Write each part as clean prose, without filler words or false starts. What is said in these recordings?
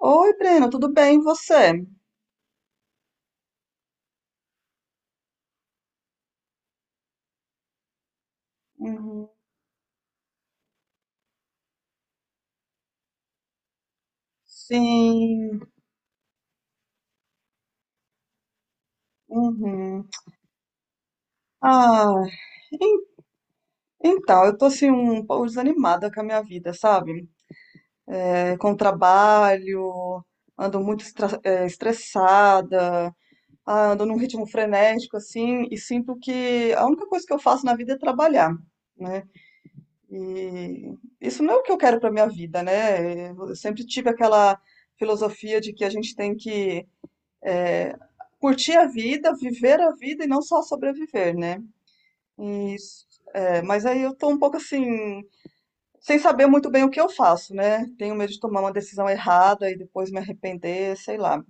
Oi, Breno, tudo bem? E você? Uhum. Sim. Uhum. Ah, en- então, eu tô assim um pouco desanimada com a minha vida, sabe? É, com o trabalho, ando muito estressada, ah, ando num ritmo frenético, assim, e sinto que a única coisa que eu faço na vida é trabalhar, né? E isso não é o que eu quero para minha vida, né? Eu sempre tive aquela filosofia de que a gente tem que é, curtir a vida, viver a vida e não só sobreviver, né? E, mas aí eu tô um pouco assim, sem saber muito bem o que eu faço, né? Tenho medo de tomar uma decisão errada e depois me arrepender, sei lá.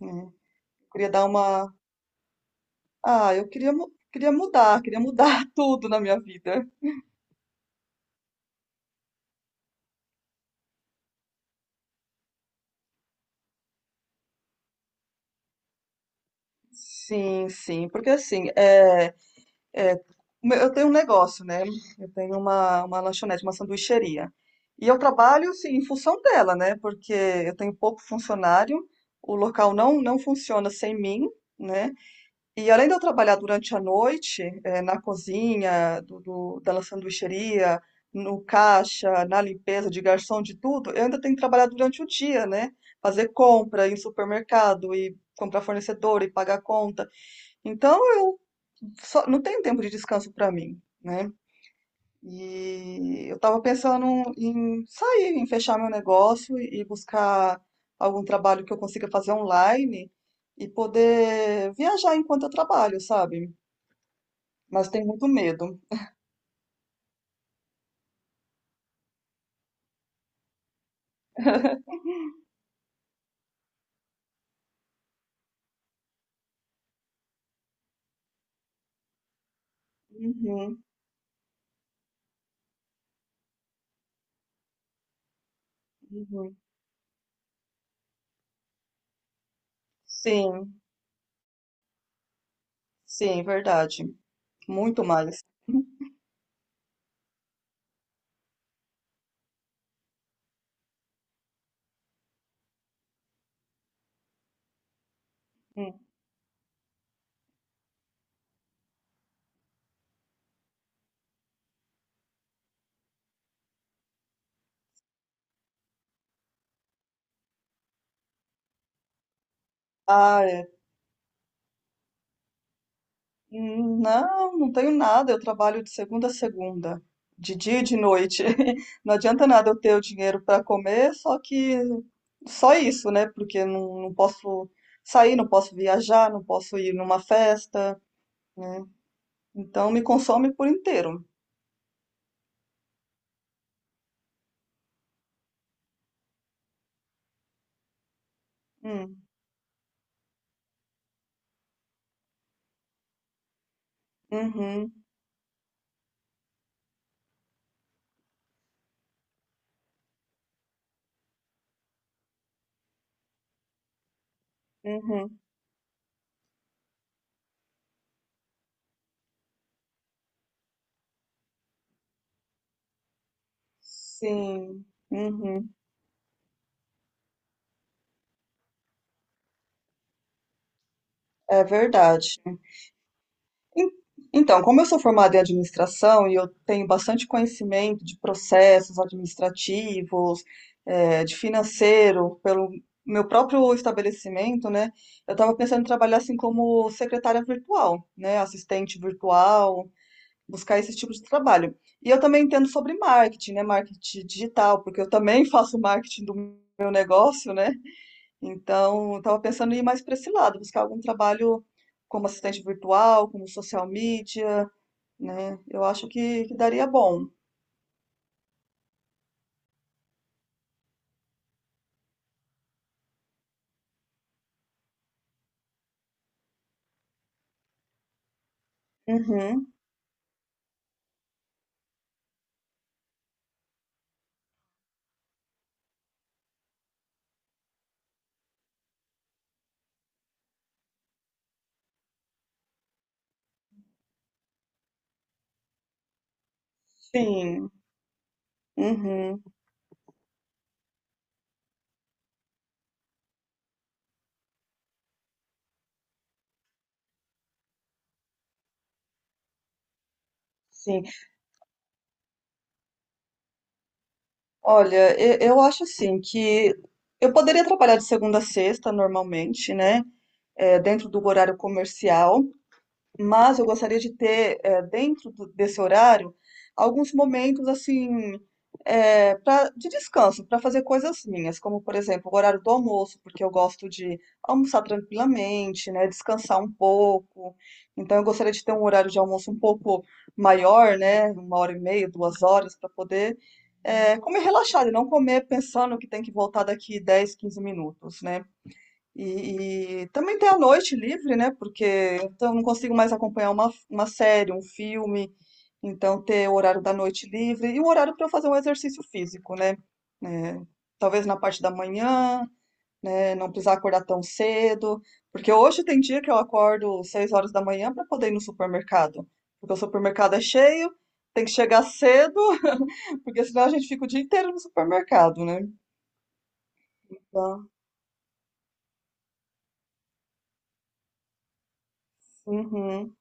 Hum. Queria dar uma. Ah, eu queria, queria mudar, tudo na minha vida. Sim, sim, porque assim, É, eu tenho um negócio, né? Eu tenho uma lanchonete, uma sanduicheria. E eu trabalho, assim, em função dela, né? Porque eu tenho pouco funcionário, o local não funciona sem mim, né? E além de eu trabalhar durante a noite, na cozinha da sanduicheria, no caixa, na limpeza de garçom, de tudo, eu ainda tenho que trabalhar durante o dia, né? Fazer compra, ir em supermercado, e comprar fornecedor e pagar conta. Então, eu não tem tempo de descanso para mim, né? E eu tava pensando em sair, em fechar meu negócio e buscar algum trabalho que eu consiga fazer online e poder viajar enquanto eu trabalho, sabe? Mas tenho muito medo. Uhum, uhum. Sim, sim, verdade. Muito mais. Hum. Ah, é. Hum. Não, não tenho nada. Eu trabalho de segunda a segunda, de dia e de noite. Não adianta nada eu ter o dinheiro para comer, só que só isso, né? Porque não posso sair, não posso viajar, não posso ir numa festa, né? Então me consome por inteiro. Hum, uhum, uhum. Sim, uhum. É verdade. En- Então, como eu sou formada em administração e eu tenho bastante conhecimento de processos administrativos, de financeiro, pelo meu próprio estabelecimento, né? Eu estava pensando em trabalhar assim como secretária virtual, né? Assistente virtual, buscar esse tipo de trabalho. E eu também entendo sobre marketing, né? Marketing digital, porque eu também faço marketing do meu negócio, né? Então, estava pensando em ir mais para esse lado, buscar algum trabalho como assistente virtual, como social media, né? Eu acho que, daria bom. Uhum, sim, uhum, sim. Olha, eu acho assim que eu poderia trabalhar de segunda a sexta normalmente, né? É, dentro do horário comercial. Mas eu gostaria de ter dentro desse horário alguns momentos assim de descanso para fazer coisas minhas, como por exemplo o horário do almoço, porque eu gosto de almoçar tranquilamente, né, descansar um pouco. Então eu gostaria de ter um horário de almoço um pouco maior, né, 1h30, 2 horas para poder comer relaxado e não comer pensando que tem que voltar daqui 10, 15 minutos, né? E também ter a noite livre, né? Porque então eu não consigo mais acompanhar uma série, um filme. Então, ter o horário da noite livre e o horário para eu fazer um exercício físico, né? É, talvez na parte da manhã, né? Não precisar acordar tão cedo. Porque hoje tem dia que eu acordo 6 horas da manhã para poder ir no supermercado. Porque o supermercado é cheio, tem que chegar cedo, porque senão a gente fica o dia inteiro no supermercado, né? Então, uhum,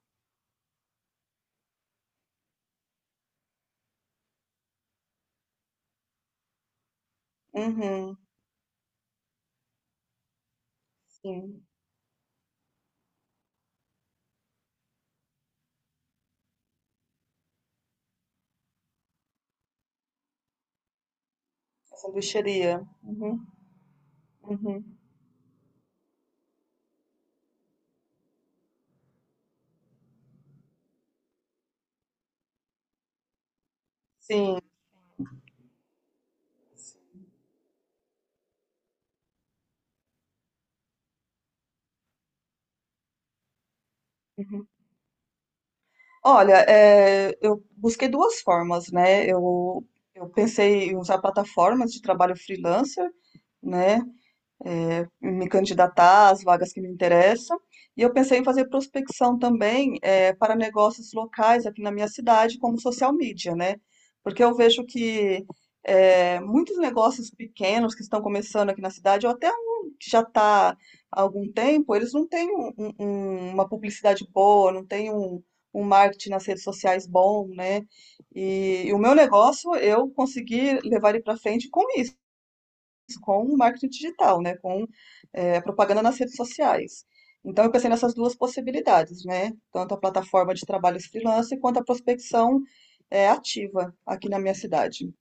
uhum, sim. Sanduicheria. Uhum, uhum. Sim. Uhum. Olha, eu busquei duas formas, né? Eu pensei em usar plataformas de trabalho freelancer, né? Me candidatar às vagas que me interessam. E eu pensei em fazer prospecção também para negócios locais aqui na minha cidade, como social media, né? Porque eu vejo que muitos negócios pequenos que estão começando aqui na cidade, ou até um que já está há algum tempo, eles não têm uma publicidade boa, não têm um marketing nas redes sociais bom, né? E o meu negócio, eu consegui levar ele para frente com isso com o marketing digital, né? Com a propaganda nas redes sociais. Então, eu pensei nessas duas possibilidades, né? Tanto a plataforma de trabalhos freelance quanto a prospecção ativa aqui na minha cidade.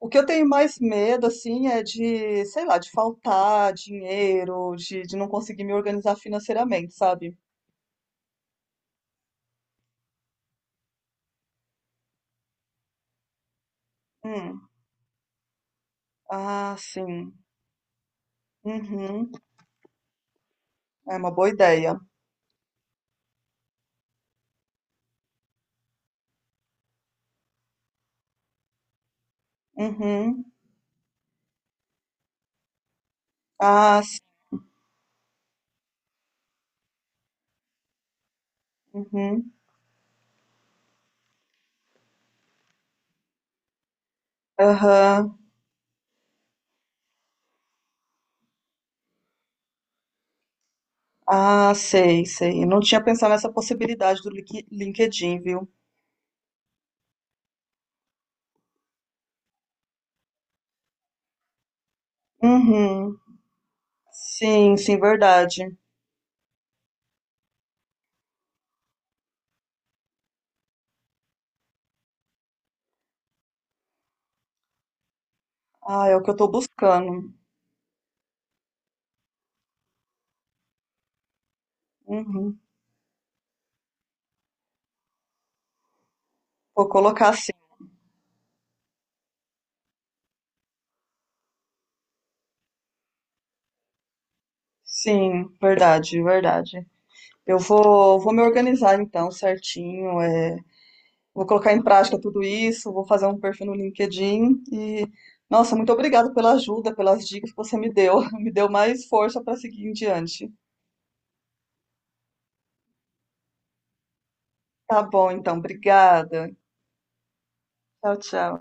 O que eu tenho mais medo, assim, é de, sei lá, de faltar dinheiro, de não conseguir me organizar financeiramente, sabe? Hum. Ah, sim. Uhum. É uma boa ideia. Uhum. Ah, sim. Uhum. Aham. Ah, sei, sei. Eu não tinha pensado nessa possibilidade do LinkedIn, viu? Uhum. Sim, sim, verdade. Ah, é o que eu tô buscando. Uhum. Vou colocar assim. Sim, verdade, verdade. Eu vou me organizar então certinho. Vou colocar em prática tudo isso, vou fazer um perfil no LinkedIn e, nossa, muito obrigada pela ajuda, pelas dicas que você me deu. Me deu mais força para seguir em diante. Tá bom, então. Obrigada. Tchau, tchau.